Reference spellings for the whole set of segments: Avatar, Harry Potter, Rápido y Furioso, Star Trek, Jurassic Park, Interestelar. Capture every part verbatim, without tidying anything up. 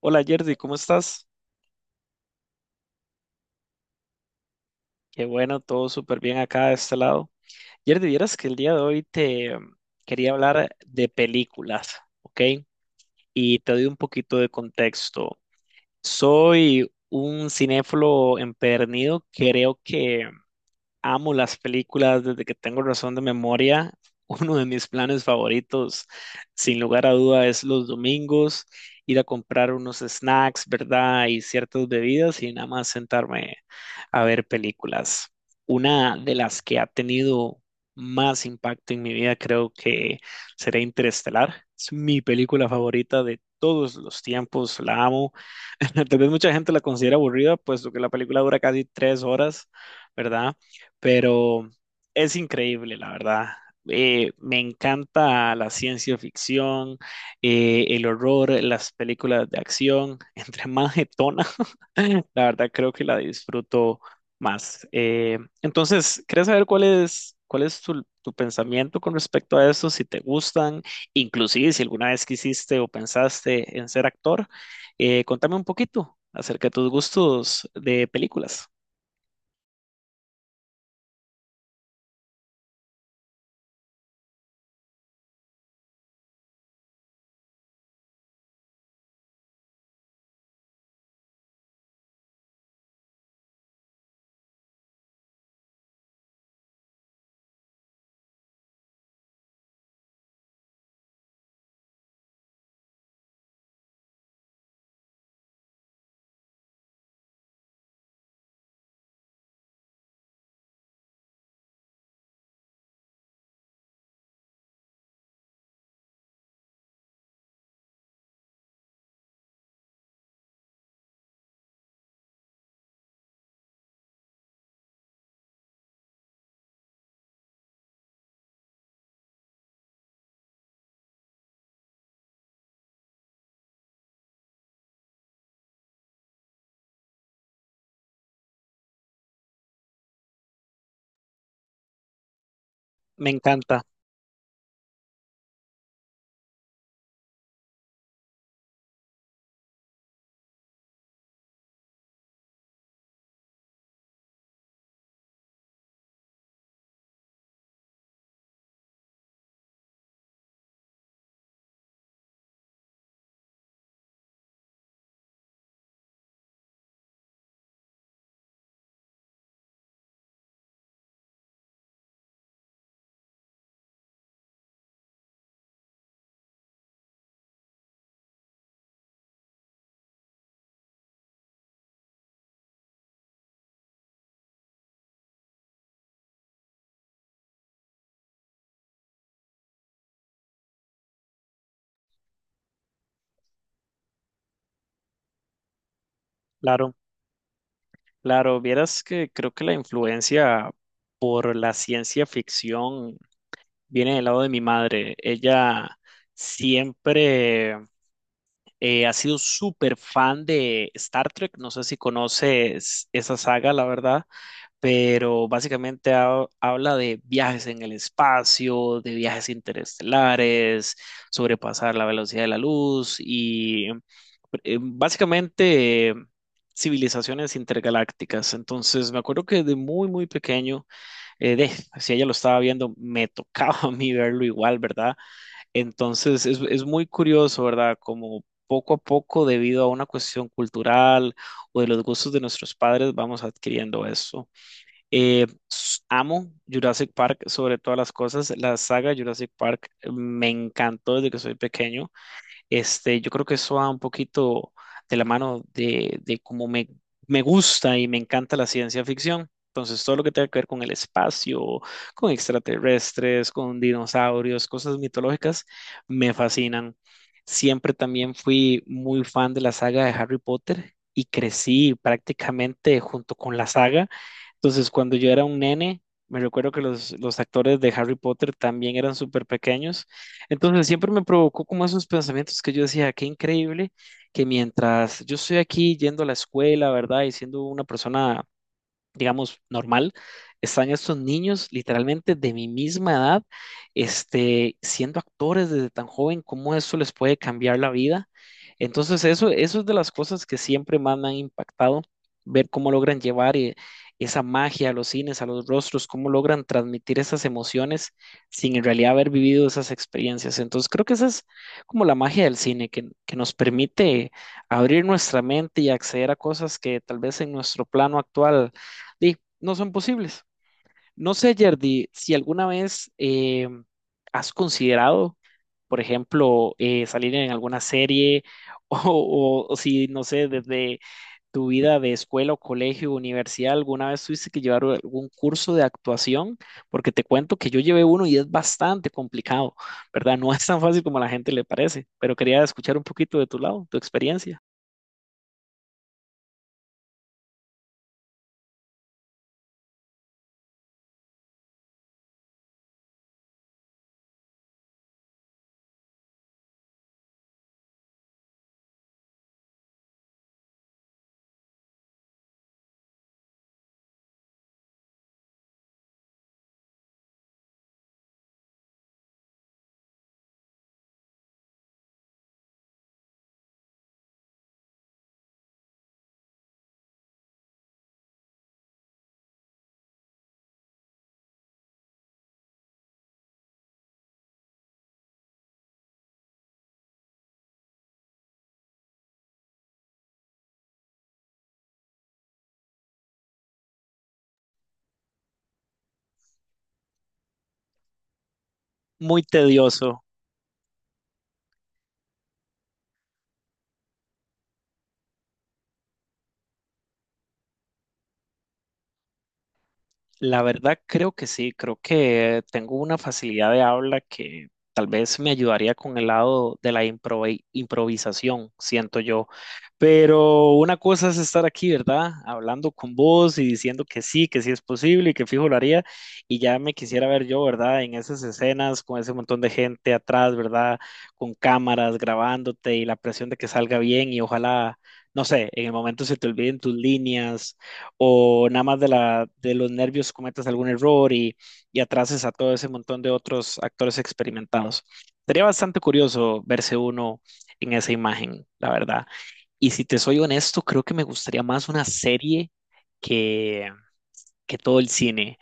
Hola Yerdy, ¿cómo estás? Qué bueno, todo súper bien acá de este lado. Yerdy, vieras que el día de hoy te em, quería hablar de películas, ¿ok? Y te doy un poquito de contexto. Soy un cinéfilo empedernido, creo que amo las películas desde que tengo razón de memoria. Uno de mis planes favoritos, sin lugar a duda, es los domingos, ir a comprar unos snacks, ¿verdad? Y ciertas bebidas y nada más sentarme a ver películas. Una de las que ha tenido más impacto en mi vida creo que será Interestelar. Es mi película favorita de todos los tiempos, la amo. Tal vez mucha gente la considera aburrida, puesto que la película dura casi tres horas, ¿verdad? Pero es increíble, la verdad. Eh, me encanta la ciencia ficción, eh, el horror, las películas de acción. Entre más jetona, la verdad creo que la disfruto más. Eh, entonces, ¿quieres saber cuál es, cuál es tu, tu pensamiento con respecto a eso? Si te gustan, inclusive si alguna vez quisiste o pensaste en ser actor, eh, contame un poquito acerca de tus gustos de películas. Me encanta, claro. Claro, vieras que creo que la influencia por la ciencia ficción viene del lado de mi madre. Ella siempre eh, ha sido súper fan de Star Trek. No sé si conoces esa saga, la verdad, pero básicamente ha- habla de viajes en el espacio, de viajes interestelares, sobrepasar la velocidad de la luz y eh, básicamente eh, civilizaciones intergalácticas. Entonces, me acuerdo que de muy, muy pequeño, eh, de, si ella lo estaba viendo, me tocaba a mí verlo igual, ¿verdad? Entonces, es, es muy curioso, ¿verdad? Como poco a poco, debido a una cuestión cultural o de los gustos de nuestros padres, vamos adquiriendo eso. Eh, s- amo Jurassic Park sobre todas las cosas. La saga Jurassic Park eh, me encantó desde que soy pequeño. Este, yo creo que eso va un poquito de la mano de, de cómo me, me gusta y me encanta la ciencia ficción. Entonces, todo lo que tenga que ver con el espacio, con extraterrestres, con dinosaurios, cosas mitológicas, me fascinan. Siempre también fui muy fan de la saga de Harry Potter y crecí prácticamente junto con la saga. Entonces, cuando yo era un nene, me recuerdo que los, los actores de Harry Potter también eran súper pequeños, entonces siempre me provocó como esos pensamientos que yo decía, qué increíble que mientras yo estoy aquí yendo a la escuela, ¿verdad? Y siendo una persona, digamos, normal, están estos niños literalmente de mi misma edad, este, siendo actores desde tan joven, cómo eso les puede cambiar la vida. Entonces, eso, eso es de las cosas que siempre más me han impactado, ver cómo logran llevar eh, esa magia a los cines, a los rostros, cómo logran transmitir esas emociones sin en realidad haber vivido esas experiencias. Entonces, creo que esa es como la magia del cine, que, que nos permite abrir nuestra mente y acceder a cosas que tal vez en nuestro plano actual di, no son posibles. No sé, Yerdy, si alguna vez eh, has considerado, por ejemplo, eh, salir en alguna serie o, o- o si, no sé, desde tu vida de escuela o colegio, universidad, alguna vez tuviste que llevar algún curso de actuación, porque te cuento que yo llevé uno y es bastante complicado, ¿verdad? No es tan fácil como a la gente le parece, pero quería escuchar un poquito de tu lado, tu experiencia. Muy tedioso. La verdad creo que sí, creo que tengo una facilidad de habla que tal vez me ayudaría con el lado de la improve- improvisación, siento yo. Pero una cosa es estar aquí, ¿verdad? Hablando con vos y diciendo que sí, que sí es posible y que fijo lo haría. Y ya me quisiera ver yo, ¿verdad? En esas escenas con ese montón de gente atrás, ¿verdad? Con cámaras grabándote y la presión de que salga bien y ojalá, no sé, en el momento se te olviden tus líneas o nada más de, la, de los nervios cometas algún error y, y atrases a todo ese montón de otros actores experimentados. Sería bastante curioso verse uno en esa imagen, la verdad. Y si te soy honesto, creo que me gustaría más una serie que, que todo el cine.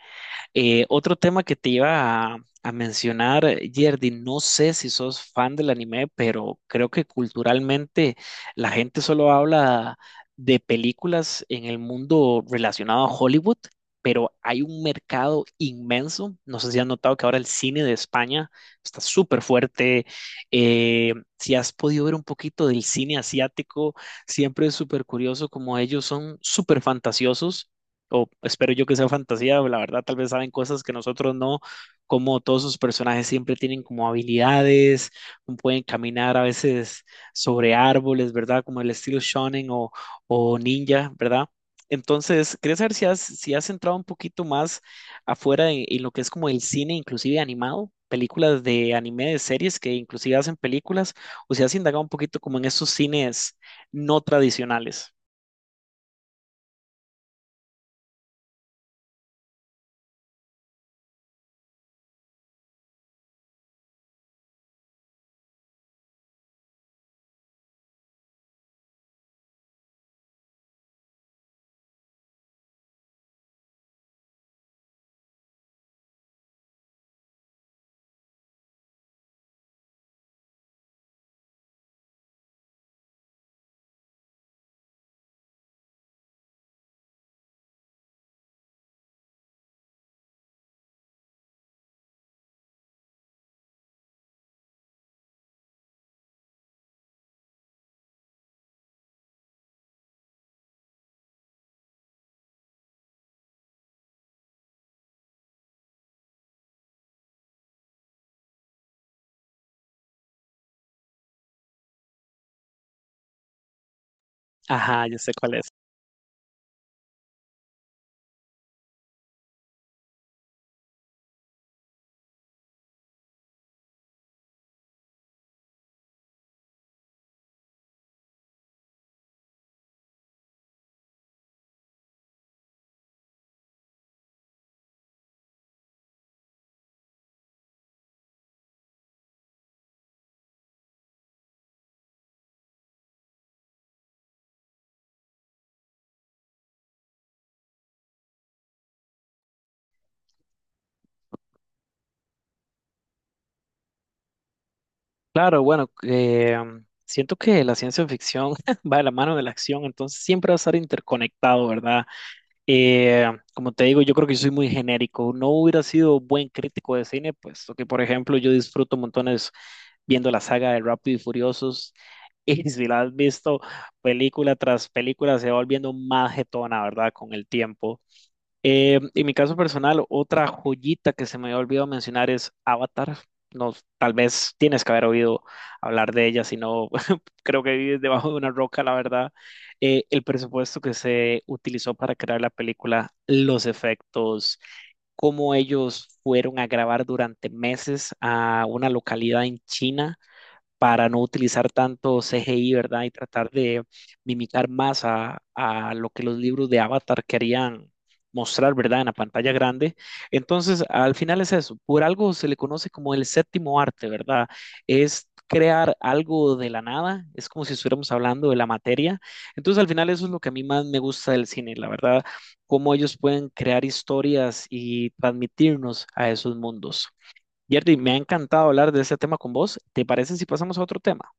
Eh, otro tema que te iba a, a mencionar, Yerdy, no sé si sos fan del anime, pero creo que culturalmente la gente solo habla de películas en el mundo relacionado a Hollywood, pero hay un mercado inmenso. No sé si has notado que ahora el cine de España está súper fuerte. Eh, si has podido ver un poquito del cine asiático, siempre es súper curioso como ellos son súper fantasiosos o espero yo que sea fantasía, la verdad tal vez saben cosas que nosotros no, como todos sus personajes siempre tienen como habilidades, como pueden caminar a veces sobre árboles, ¿verdad? Como el estilo shonen o, o ninja, ¿verdad? Entonces, quería saber si has, si has entrado un poquito más afuera en, en lo que es como el cine, inclusive animado, películas de anime, de series que inclusive hacen películas, o si has indagado un poquito como en esos cines no tradicionales. Ajá, yo sé cuál es. Claro, bueno, eh, siento que la ciencia ficción va de la mano de la acción, entonces siempre va a estar interconectado, ¿verdad? Eh, Como te digo, yo creo que yo soy muy genérico. No hubiera sido buen crítico de cine, puesto que, por ejemplo, yo disfruto montones viendo la saga de Rápido y Furiosos. Y si la has visto película tras película, se va volviendo más jetona, ¿verdad? Con el tiempo. Eh, en mi caso personal, otra joyita que se me había olvidado mencionar es Avatar. No, tal vez tienes que haber oído hablar de ella, si no, creo que vives debajo de una roca, la verdad. Eh, el presupuesto que se utilizó para crear la película, los efectos, cómo ellos fueron a grabar durante meses a una localidad en China para no utilizar tanto C G I, ¿verdad? Y tratar de mimicar más a, a lo que los libros de Avatar querían mostrar, ¿verdad? En la pantalla grande. Entonces, al final es eso. Por algo se le conoce como el séptimo arte, ¿verdad? Es crear algo de la nada, es como si estuviéramos hablando de la materia. Entonces, al final eso es lo que a mí más me gusta del cine, la verdad, cómo ellos pueden crear historias y transmitirnos a esos mundos. Jerry, me ha encantado hablar de ese tema con vos. ¿Te parece si pasamos a otro tema?